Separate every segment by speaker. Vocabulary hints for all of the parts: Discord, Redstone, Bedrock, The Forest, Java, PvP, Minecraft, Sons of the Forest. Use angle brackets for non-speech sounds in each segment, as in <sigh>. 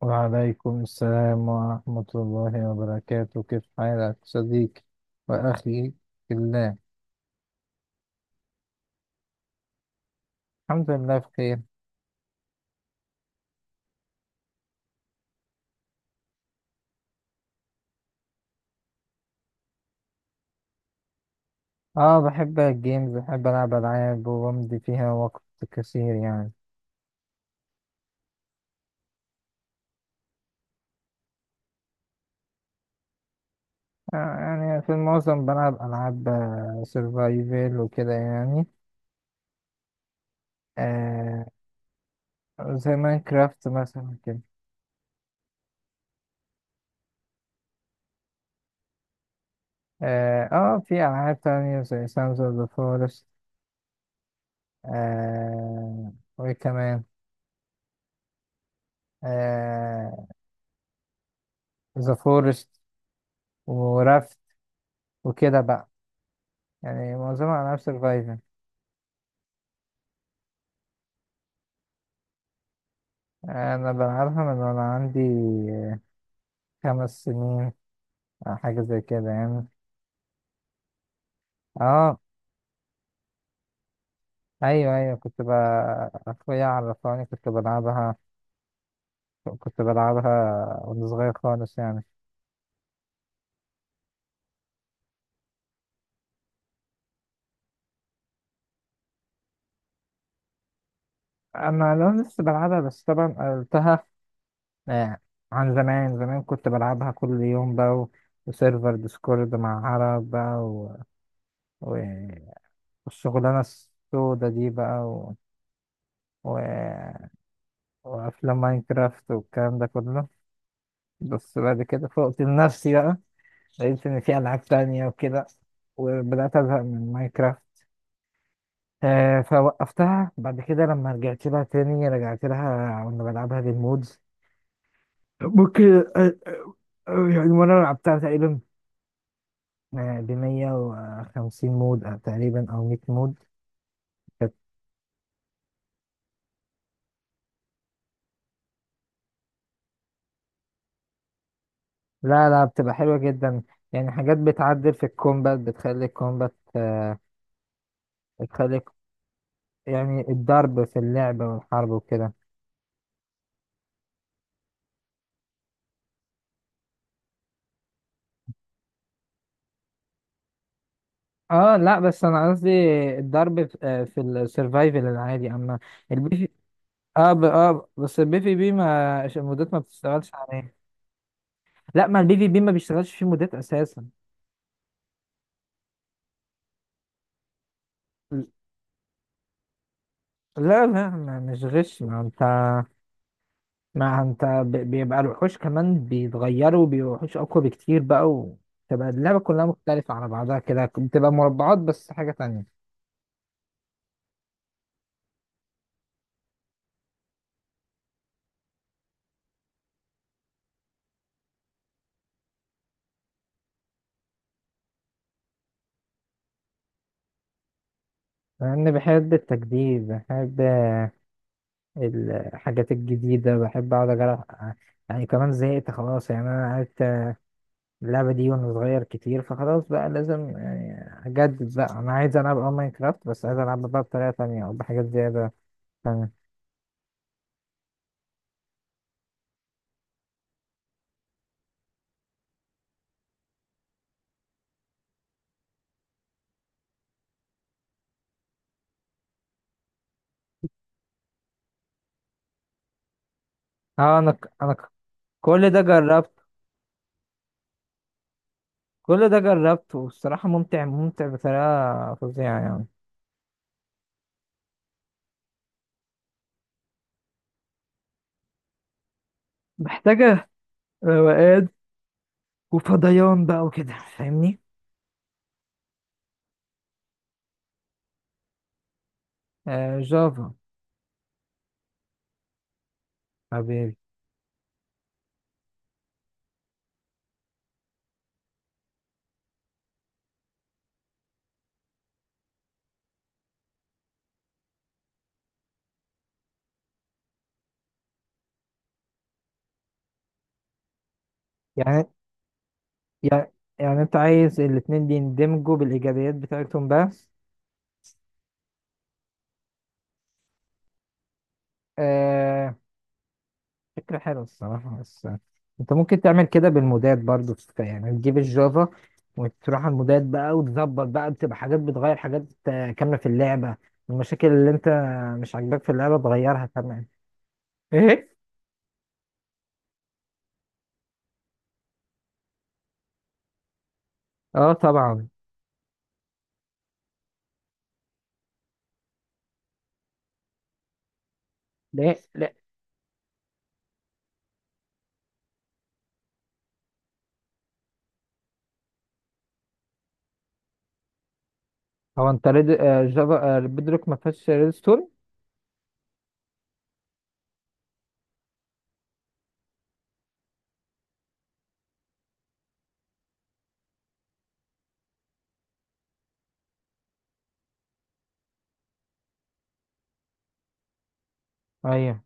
Speaker 1: وعليكم السلام ورحمة الله وبركاته. كيف حالك صديقي وأخي في الله؟ الحمد لله بخير. اه، بحب الجيمز، بحب ألعب ألعاب وبمضي فيها وقت كثير يعني. يعني في المعظم بلعب ألعاب سرفايفل وكده يعني. آه زي ماينكرافت مثلا كده. اه، في ألعاب تانية زي سانز أوف ذا فورست. وكمان آه ذا فورست، ورفت، وكده بقى. يعني معظمها ألعاب سرفايفل. أنا بلعبها من وأنا عندي آه، 5 سنين أو حاجة زي كده يعني. اه، أيوه، أيوه، أخويا عرفاني كنت بلعبها وأنا صغير خالص يعني. أنا لو لسه بلعبها بس طبعا قلتها. آه، عن زمان زمان كنت بلعبها كل يوم بقى وسيرفر ديسكورد مع عرب بقى و... والشغلانة السودة دي بقى و... وافلام ماينكرافت والكلام ده كله. بس بعد كده فوقت لنفسي بقى، لقيت ان في العاب تانية وكده، وبدات ازهق من ماينكرافت. فوقفتها بعد كده. لما رجعت لها تاني رجعت لها وانا بلعبها بالمودز. ممكن. آه، آه، يعني وانا لعبتها تقريبا ب 150 مود أو تقريبا او 100 مود كانت. لا، لا، بتبقى حلوة جدا. يعني حاجات بتعدل في الكومبات، بتخلي الكومبات آه، بتخلي يعني الضرب في اللعب والحرب وكده. اه، لا، بس انا قصدي الضرب في السرفايفل العادي، اما البي في اه ب... اه بس البي في بي ما المودات ما بتشتغلش عليه. لا، ما البي في بي ما بيشتغلش فيه مودات اساسا. لا، لا، ما مش غش. ما انت بيبقى الوحوش كمان بيتغيروا، بيبقوا وحوش اقوى بكتير بقى، وتبقى اللعبة كلها مختلفة على بعضها كده، بتبقى مربعات بس حاجة تانية. لأني بحب التجديد، بحب الحاجات الجديدة، بحب أقعد أجرب يعني. كمان زهقت خلاص يعني. أنا عرفت اللعبة دي وأنا صغير كتير، فخلاص بقى لازم يعني أجدد بقى. أنا عايز ألعب ماينكرافت بس عايز ألعبها بقى بطريقة تانية أو بحاجات زيادة تانية. أه أنا ك- أنا ك- كل ده جربت كل ده جربت والصراحة ممتع، ممتع بطريقة فظيعة يعني. محتاجة روقان وفضيان بقى وكده، فاهمني؟ آه، جافا. حبيبي. يعني يعني يعني انت عايز الاتنين دي يندمجوا بالايجابيات بتاعتهم بس. آه فكرة حلوة الصراحة. بس انت ممكن تعمل كده بالمودات برضو، يعني تجيب الجافا وتروح على المودات بقى وتظبط بقى، بتبقى حاجات بتغير حاجات كاملة في اللعبة. المشاكل اللي انت مش عاجباك في اللعبة تغيرها كمان. ايه؟ اه، طبعا. لا، لا. هو انت ريد آه، جافا، بدروك ما فيهاش ريدستون؟ ايوه،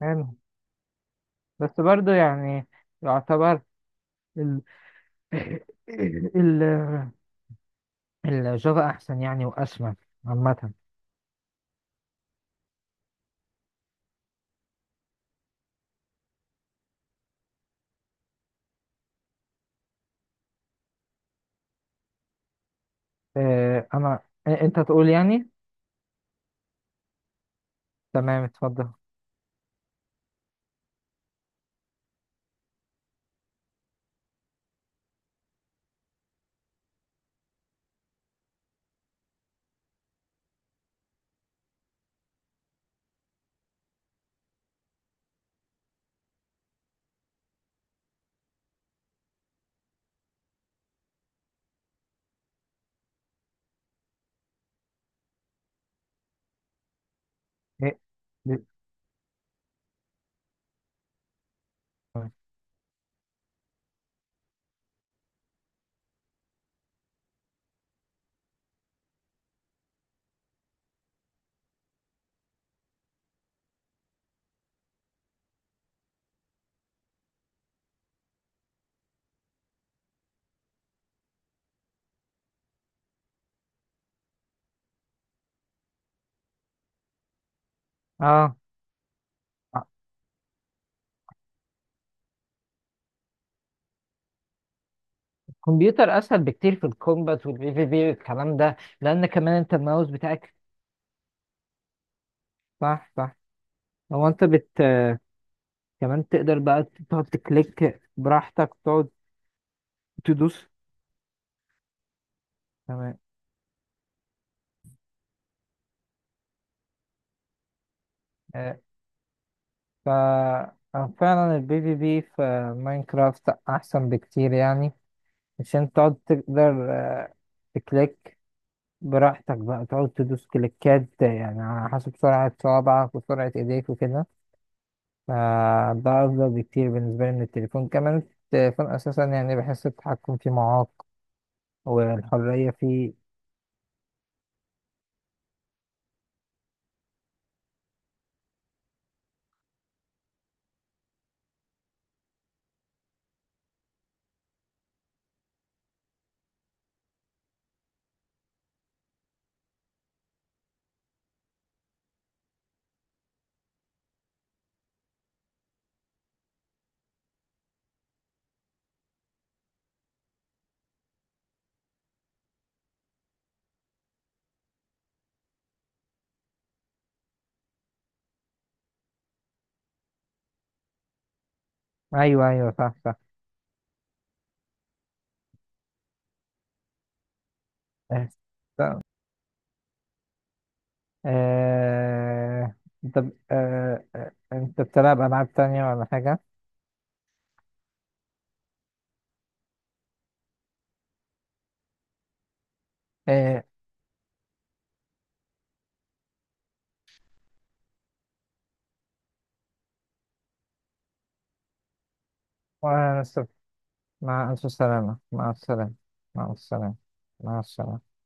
Speaker 1: حلو. بس برضو يعني، يعتبر <laughs> ال- الجافا احسن يعني، واسمى عامه. آه، انا آه، انت تقول يعني. تمام، اتفضل. إيه؟ اه، الكمبيوتر اسهل بكتير في الكومبات والبي في بي والكلام ده، لان كمان انت الماوس بتاعك. صح، صح. هو انت كمان تقدر بقى تقعد تكليك براحتك، تقعد تدوس. تمام. آه، ف آه، فعلا البي في بي في ماينكرافت احسن بكتير يعني، عشان تقعد تقدر تكليك براحتك بقى، تقعد تدوس كليكات يعني على حسب سرعة صوابعك وسرعة ايديك وكده. فده أفضل بكتير بالنسبة لي من التليفون. كمان التليفون أساسا يعني بحس التحكم فيه معاق، والحرية فيه. أيوه، أيوه، صح، صح. <laughs> آه، صح. آه، طب، أنت بتلعب ألعاب تانية ولا حاجة؟ آه، وأنا لسه. مع ألف سلامة. مع السلامة. مع السلامة. مع السلامة.